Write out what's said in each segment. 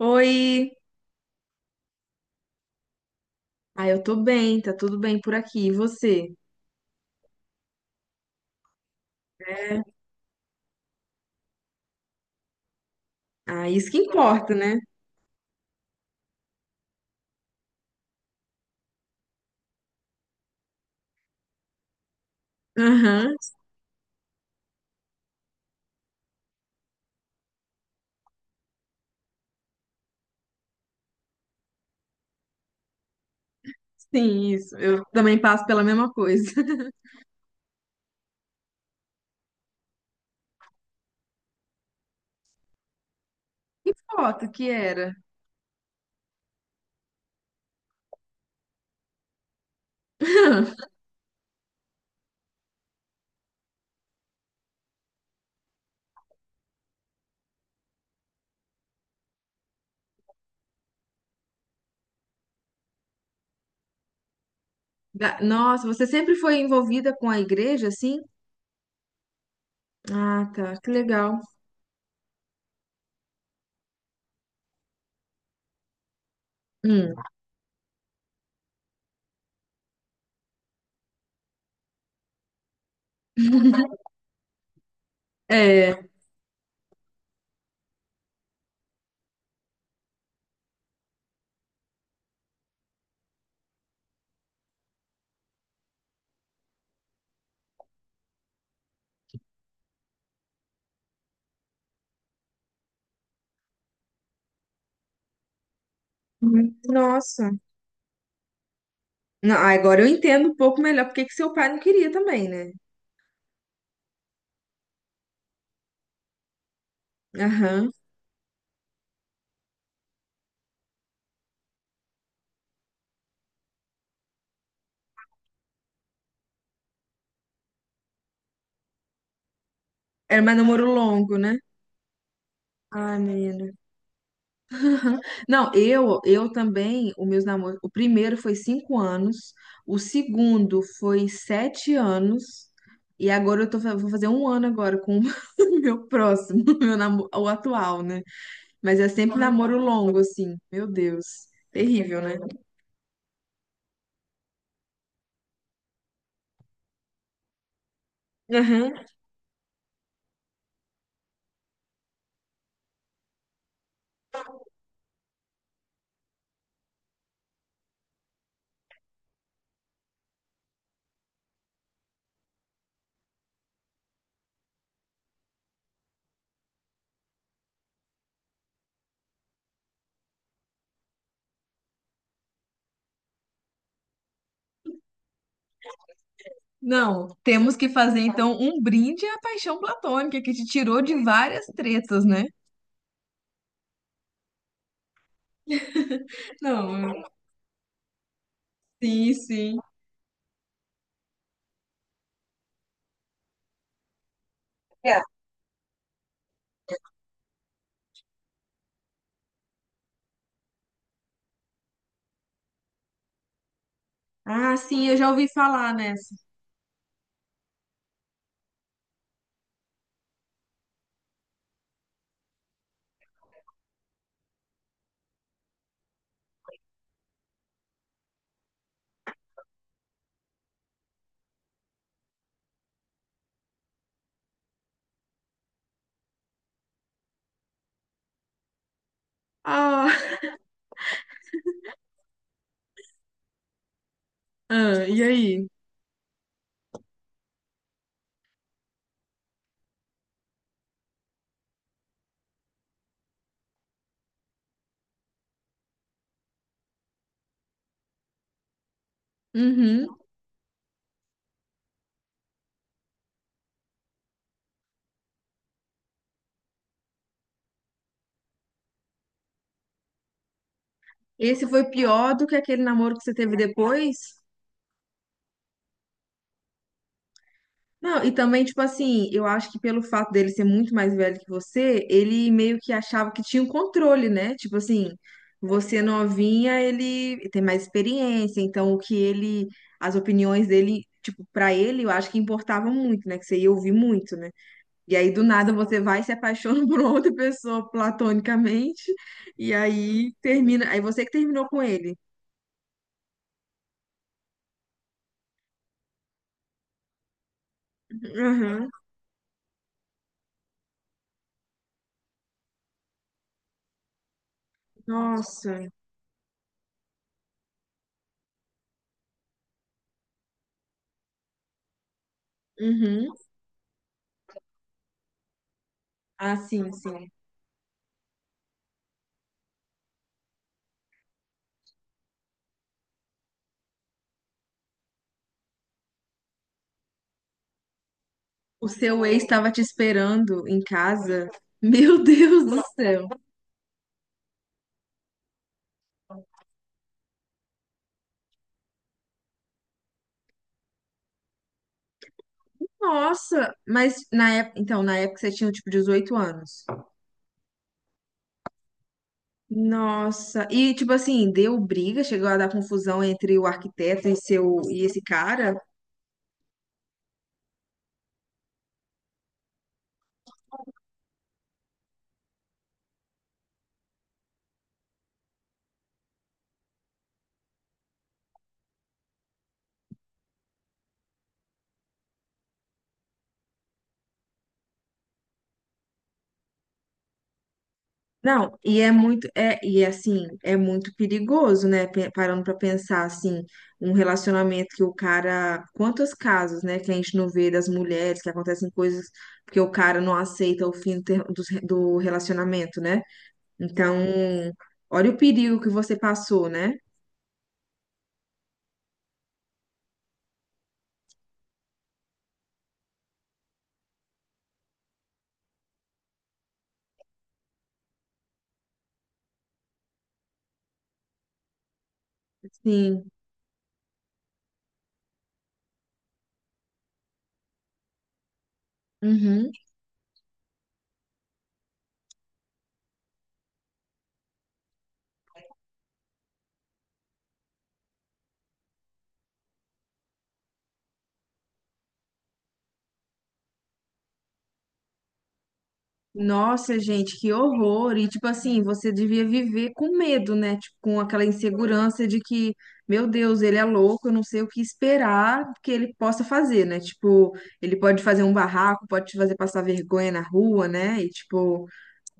Oi! Ah, eu tô bem, tá tudo bem por aqui. E você? É. Ah, isso que importa, né? Aham, sim, isso. Eu também passo pela mesma coisa. Que foto que era? Nossa, você sempre foi envolvida com a igreja, assim? Ah, tá, que legal. Hum. É. Nossa. Não, agora eu entendo um pouco melhor porque que seu pai não queria também, né? Aham. Era mais namoro longo, né? Ai, menina. Não, eu também, o meus namoros, o primeiro foi cinco anos, o segundo foi sete anos, e agora eu tô, vou fazer um ano agora com o meu próximo, meu namoro, o atual, né? Mas é sempre namoro longo, assim, meu Deus, terrível, né? Aham. Não, temos que fazer então um brinde à paixão platônica que te tirou de várias tretas, né? Não, sim, sim. Ah, sim, eu já ouvi falar nessa. Ah, ah, e aí? Uhum. Esse foi pior do que aquele namoro que você teve depois? Não, e também, tipo assim, eu acho que pelo fato dele ser muito mais velho que você, ele meio que achava que tinha um controle, né? Tipo assim, você novinha, ele tem mais experiência, as opiniões dele, tipo, pra ele, eu acho que importava muito, né? Que você ia ouvir muito, né? E aí, do nada, você vai e se apaixona por outra pessoa platonicamente, e aí termina, aí você que terminou com ele. Aham. Nossa. Uhum. Ah, sim, sim. O seu ex estava te esperando em casa. Meu Deus do céu. Nossa, mas na época, então, na época você tinha tipo 18 anos. Nossa, e tipo assim, deu briga, chegou a dar confusão entre o arquiteto e seu e esse cara? Não, e é muito, é, e é assim, é muito perigoso, né? Parando pra pensar assim, um relacionamento que o cara, quantos casos, né, que a gente não vê das mulheres que acontecem coisas porque o cara não aceita o fim do, ter- dos re- do relacionamento, né? Então, olha o perigo que você passou, né? Sim. Uhum. Nossa, gente, que horror! E tipo assim, você devia viver com medo, né? Tipo, com aquela insegurança de que, meu Deus, ele é louco, eu não sei o que esperar que ele possa fazer, né? Tipo, ele pode fazer um barraco, pode te fazer passar vergonha na rua, né? E tipo,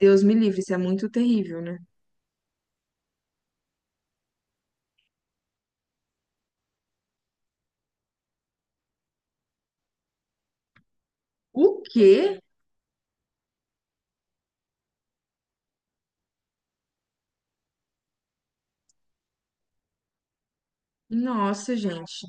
Deus me livre, isso é muito terrível, né? O quê? Nossa, gente.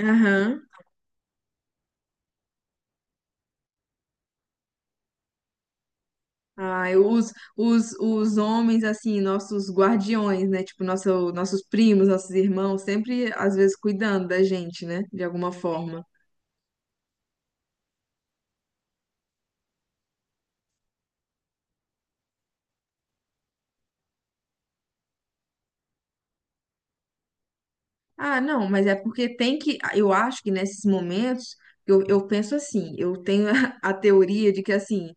Aham. Ai, os homens, assim, nossos guardiões, né? Tipo, nossos primos, nossos irmãos, sempre, às vezes, cuidando da gente, né? De alguma forma. Ah, não, mas é porque tem que. Ah, eu acho que nesses momentos, eu penso assim, eu tenho a teoria de que, assim,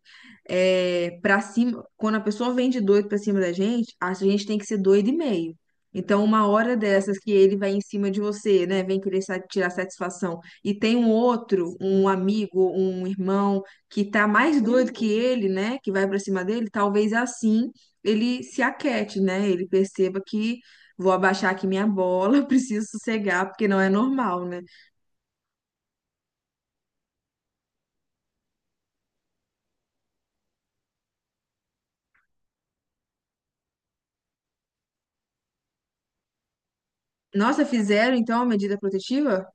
é, para cima, quando a pessoa vem de doido pra cima da gente, a gente tem que ser doido e meio. Então, uma hora dessas que ele vai em cima de você, né, vem querer tirar satisfação, e tem um outro, um amigo, um irmão, que tá mais doido que ele, né, que vai pra cima dele, talvez assim ele se aquete, né, ele perceba que vou abaixar aqui minha bola, preciso sossegar, porque não é normal, né? Nossa, fizeram então a medida protetiva?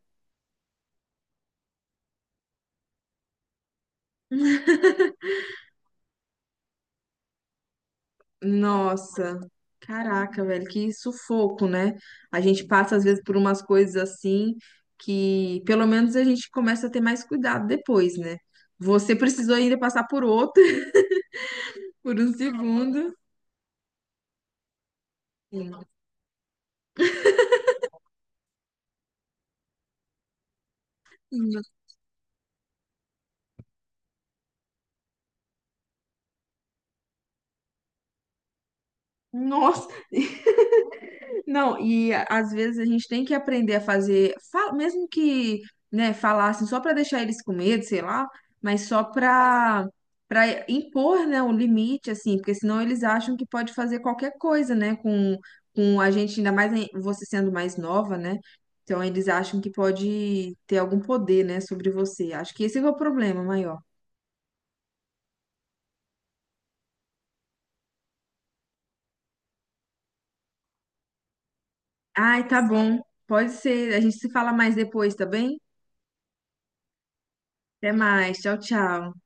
Nossa, caraca, velho, que sufoco, né? A gente passa às vezes por umas coisas assim que pelo menos a gente começa a ter mais cuidado depois, né? Você precisou ainda passar por outra por um segundo. Sim. Nossa. Não, e às vezes a gente tem que aprender a fazer, mesmo que, né, falassem só para deixar eles com medo, sei lá, mas só para para impor, né, o limite, assim, porque senão eles acham que pode fazer qualquer coisa, né, com a gente, ainda mais você sendo mais nova, né? Então eles acham que pode ter algum poder, né, sobre você. Acho que esse é o problema maior. Ai, tá bom. Pode ser. A gente se fala mais depois, tá bem? Até mais. Tchau, tchau.